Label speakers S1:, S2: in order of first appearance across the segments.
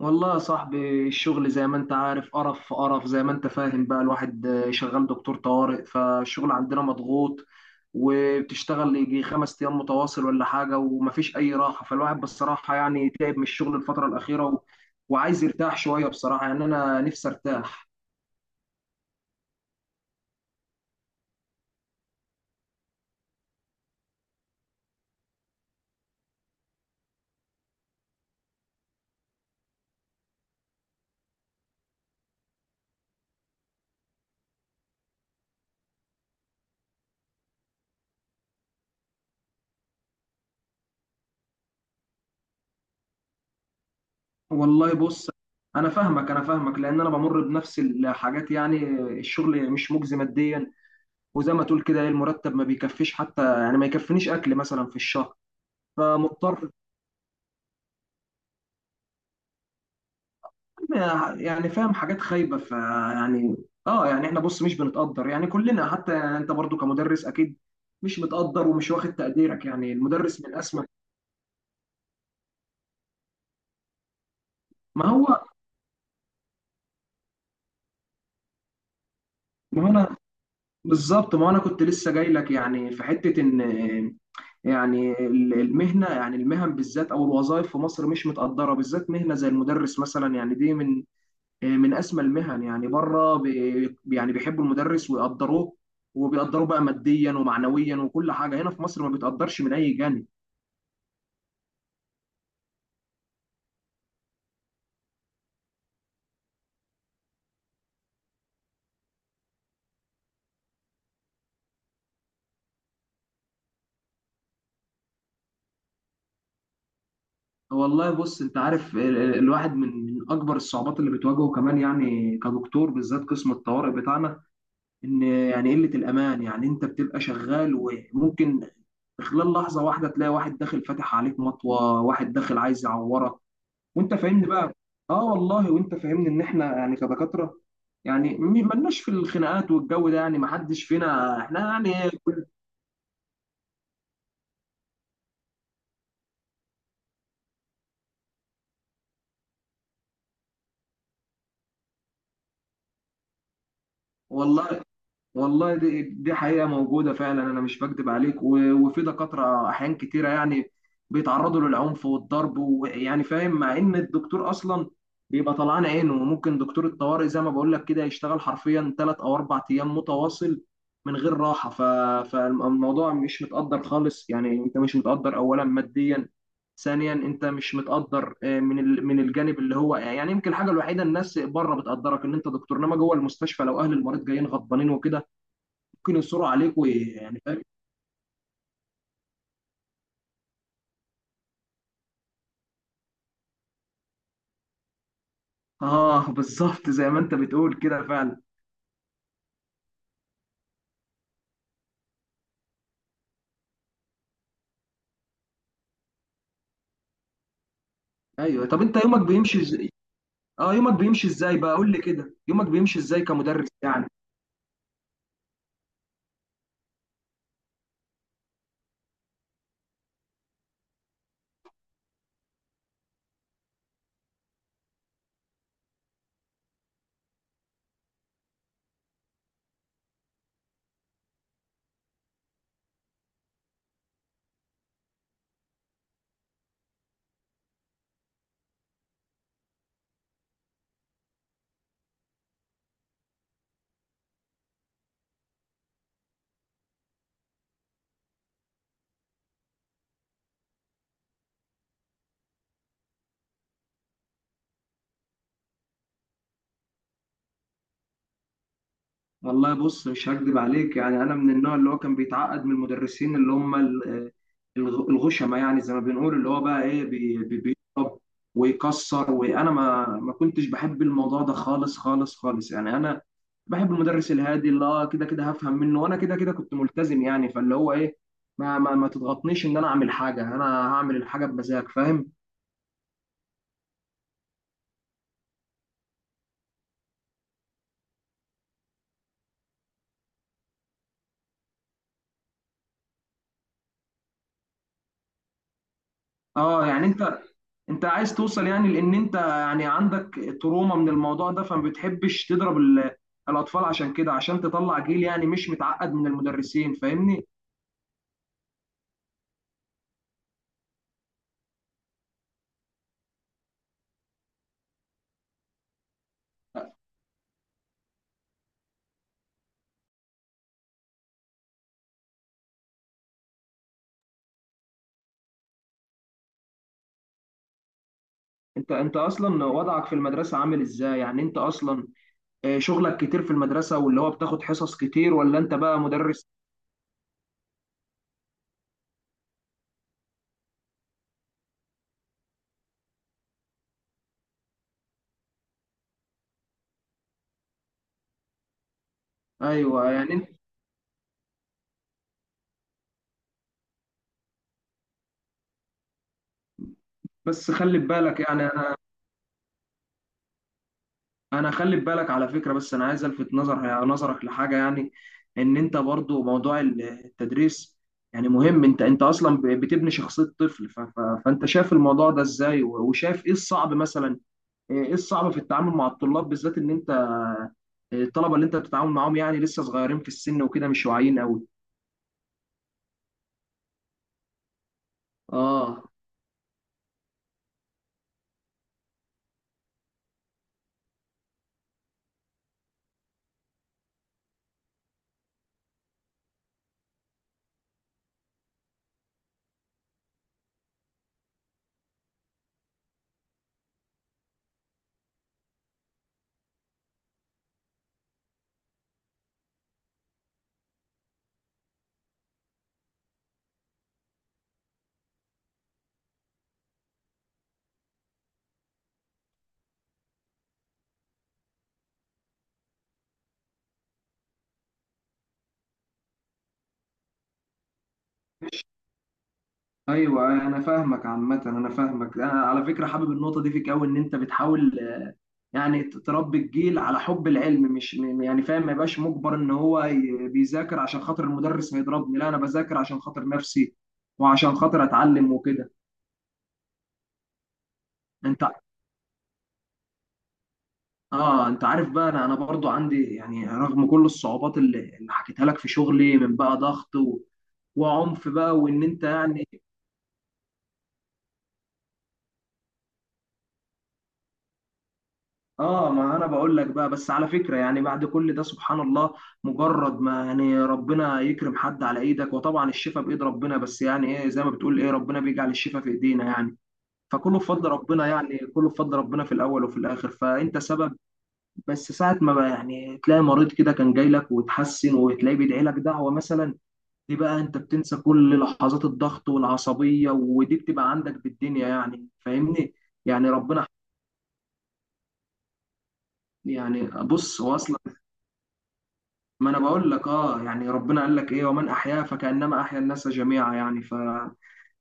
S1: والله يا صاحبي، الشغل زي ما انت عارف قرف في قرف، زي ما انت فاهم بقى، الواحد شغال دكتور طوارئ، فالشغل عندنا مضغوط. وبتشتغل يجي 5 ايام متواصل ولا حاجة، ومفيش اي راحة، فالواحد بصراحة يعني تعب من الشغل الفترة الأخيرة، وعايز يرتاح شوية، بصراحة يعني انا نفسي ارتاح. والله بص، انا فاهمك، انا فاهمك، لان انا بمر بنفس الحاجات يعني. الشغل مش مجزي ماديا، وزي ما تقول كده، ايه المرتب ما بيكفيش، حتى يعني ما يكفينيش اكل مثلا في الشهر. فمضطر، يعني فاهم، حاجات خايبه، فيعني. اه، يعني احنا بص مش بنتقدر يعني، كلنا حتى يعني، انت برضو كمدرس اكيد مش متقدر ومش واخد تقديرك، يعني المدرس من اسمى. ما هو ما هو انا، بالظبط، ما هو انا كنت لسه جاي لك يعني في حته ان، يعني المهنه، يعني المهن بالذات او الوظائف في مصر مش متقدره، بالذات مهنه زي المدرس مثلا، يعني دي من من اسمى المهن، يعني بره يعني بيحبوا المدرس ويقدروه، وبيقدروه بقى ماديا ومعنويا، وكل حاجه هنا في مصر ما بيتقدرش من اي جانب. والله بص، انت عارف الواحد، من اكبر الصعوبات اللي بتواجهه كمان يعني كدكتور، بالذات قسم الطوارئ بتاعنا، ان يعني قله الامان، يعني انت بتبقى شغال وممكن في خلال لحظه واحده تلاقي واحد داخل فاتح عليك مطوه، واحد داخل عايز يعورك، وانت فاهمني بقى. اه والله، وانت فاهمني ان احنا يعني كدكاتره، يعني ملناش في الخناقات والجو ده، يعني ما حدش فينا احنا، يعني والله. والله دي حقيقة موجودة فعلا، أنا مش بكدب عليك، وفي دكاترة أحيان كتيرة يعني بيتعرضوا للعنف والضرب، ويعني فاهم، مع إن الدكتور أصلا بيبقى طلعان عينه، وممكن دكتور الطوارئ زي ما بقول لك كده يشتغل حرفيا 3 أو 4 أيام متواصل من غير راحة، فالموضوع مش متقدر خالص، يعني أنت مش متقدر، أولا ماديا، ثانيا انت مش متقدر، من من الجانب اللي هو يعني يمكن الحاجه الوحيده، الناس بره بتقدرك ان انت دكتور، انما جوه المستشفى لو اهل المريض جايين غضبانين وكده ممكن يصروا عليك، ويعني فاهم. اه، بالظبط زي ما انت بتقول كده فعلا. ايوه، طب انت يومك بيمشي ازاي؟ اه، يومك بيمشي ازاي بقى؟ قول لي كده، يومك بيمشي ازاي كمدرس يعني؟ والله بص، مش هكدب عليك، يعني انا من النوع اللي هو كان بيتعقد من المدرسين، اللي هم الغشمه، يعني زي ما بنقول، اللي هو بقى ايه، بيضرب ويكسر، وانا ما كنتش بحب الموضوع ده خالص خالص خالص، يعني انا بحب المدرس الهادي، اللي كده كده هفهم منه، وانا كده كده كنت ملتزم، يعني فاللي هو ايه، ما تضغطنيش ان انا اعمل حاجه، انا هعمل الحاجه بمزاج، فاهم. اه، يعني انت عايز توصل يعني، لان انت يعني عندك تروما من الموضوع ده، فما بتحبش تضرب الاطفال، عشان كده، عشان تطلع جيل يعني مش متعقد من المدرسين، فاهمني. انت اصلا وضعك في المدرسة عامل ازاي؟ يعني انت اصلا، شغلك كتير في المدرسة، واللي هو بتاخد حصص كتير، ولا انت بقى مدرس؟ ايوه، يعني انت، بس خلي بالك يعني. انا خلي بالك على فكره، بس انا عايز الفت نظرك لحاجه يعني، ان انت برضو موضوع التدريس يعني مهم، انت اصلا بتبني شخصيه طفل، فانت شايف الموضوع ده ازاي، وشايف ايه الصعب مثلا، ايه الصعب في التعامل مع الطلاب؟ بالذات ان انت الطلبه اللي انت بتتعامل معاهم يعني لسه صغيرين في السن وكده، مش واعيين قوي. اه، ايوه، انا فاهمك عامه، انا فاهمك، انا على فكره حابب النقطه دي فيك قوي، ان انت بتحاول، يعني تربي الجيل على حب العلم، مش يعني فاهم، ما يبقاش مجبر ان هو بيذاكر عشان خاطر المدرس هيضربني، لا انا بذاكر عشان خاطر نفسي، وعشان خاطر اتعلم وكده. انت، اه انت عارف بقى، انا برضو عندي يعني، رغم كل الصعوبات اللي حكيتها لك في شغلي من بقى ضغط، وعنف بقى، وان انت يعني. اه، ما انا بقول لك بقى، بس على فكره يعني بعد كل ده سبحان الله، مجرد ما يعني ربنا يكرم حد على ايدك، وطبعا الشفاء بايد ربنا، بس يعني ايه زي ما بتقول، ايه ربنا بيجعل الشفاء في ايدينا يعني، فكله بفضل ربنا يعني، كله بفضل ربنا في الاول وفي الاخر، فانت سبب. بس ساعه ما بقى يعني تلاقي مريض كده كان جاي لك وتحسن، وتلاقيه بيدعي لك دعوه مثلا، دي بقى انت بتنسى كل لحظات الضغط والعصبيه، ودي بتبقى عندك بالدنيا يعني، فاهمني. يعني ربنا، يعني بص هو اصلا، ما انا بقول لك، يعني ربنا قال لك ايه، ومن احياها فكانما احيا الناس جميعا، يعني ف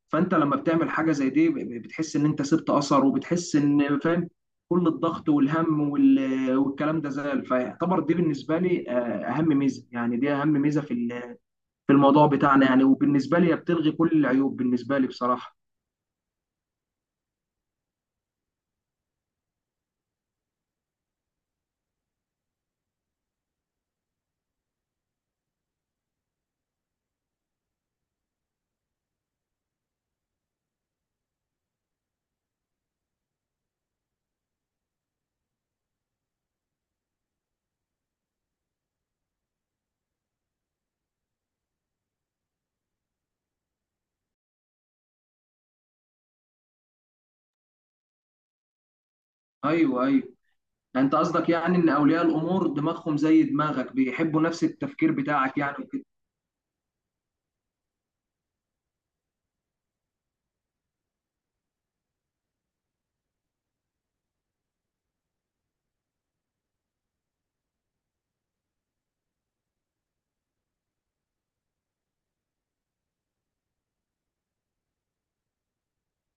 S1: فانت لما بتعمل حاجه زي دي بتحس ان انت سبت اثر، وبتحس ان فاهم، كل الضغط والهم والكلام ده زال، فيعتبر دي بالنسبه لي، اهم ميزه يعني، دي اهم ميزه في في الموضوع بتاعنا يعني، وبالنسبه لي هي بتلغي كل العيوب بالنسبه لي بصراحه. ايوه، ايوه، انت قصدك يعني ان اولياء الامور دماغهم زي دماغك، بيحبوا نفس التفكير بتاعك يعني وكده.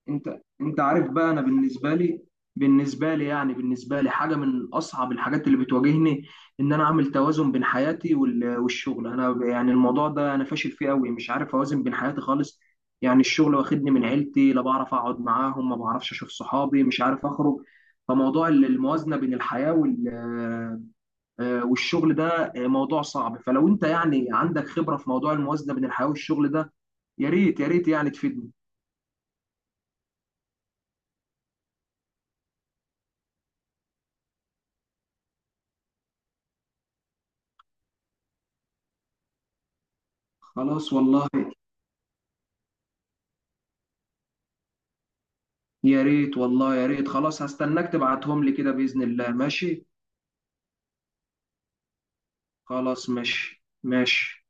S1: انت عارف بقى، انا بالنسبه لي يعني، بالنسبه لي حاجه من اصعب الحاجات اللي بتواجهني، ان انا اعمل توازن بين حياتي والشغل، انا يعني الموضوع ده انا فاشل فيه قوي، مش عارف اوازن بين حياتي خالص، يعني الشغل واخدني من عيلتي، لا بعرف اقعد معاهم، ما بعرفش اشوف صحابي، مش عارف اخرج، فموضوع الموازنه بين الحياه والشغل ده، موضوع صعب. فلو انت يعني عندك خبره في موضوع الموازنه بين الحياه والشغل ده، يا ريت يا ريت يعني تفيدني. خلاص والله. يا ريت، والله، يا ريت. خلاص هستناك تبعتهم لي كده، بإذن الله. ماشي. خلاص ماشي، ماشي.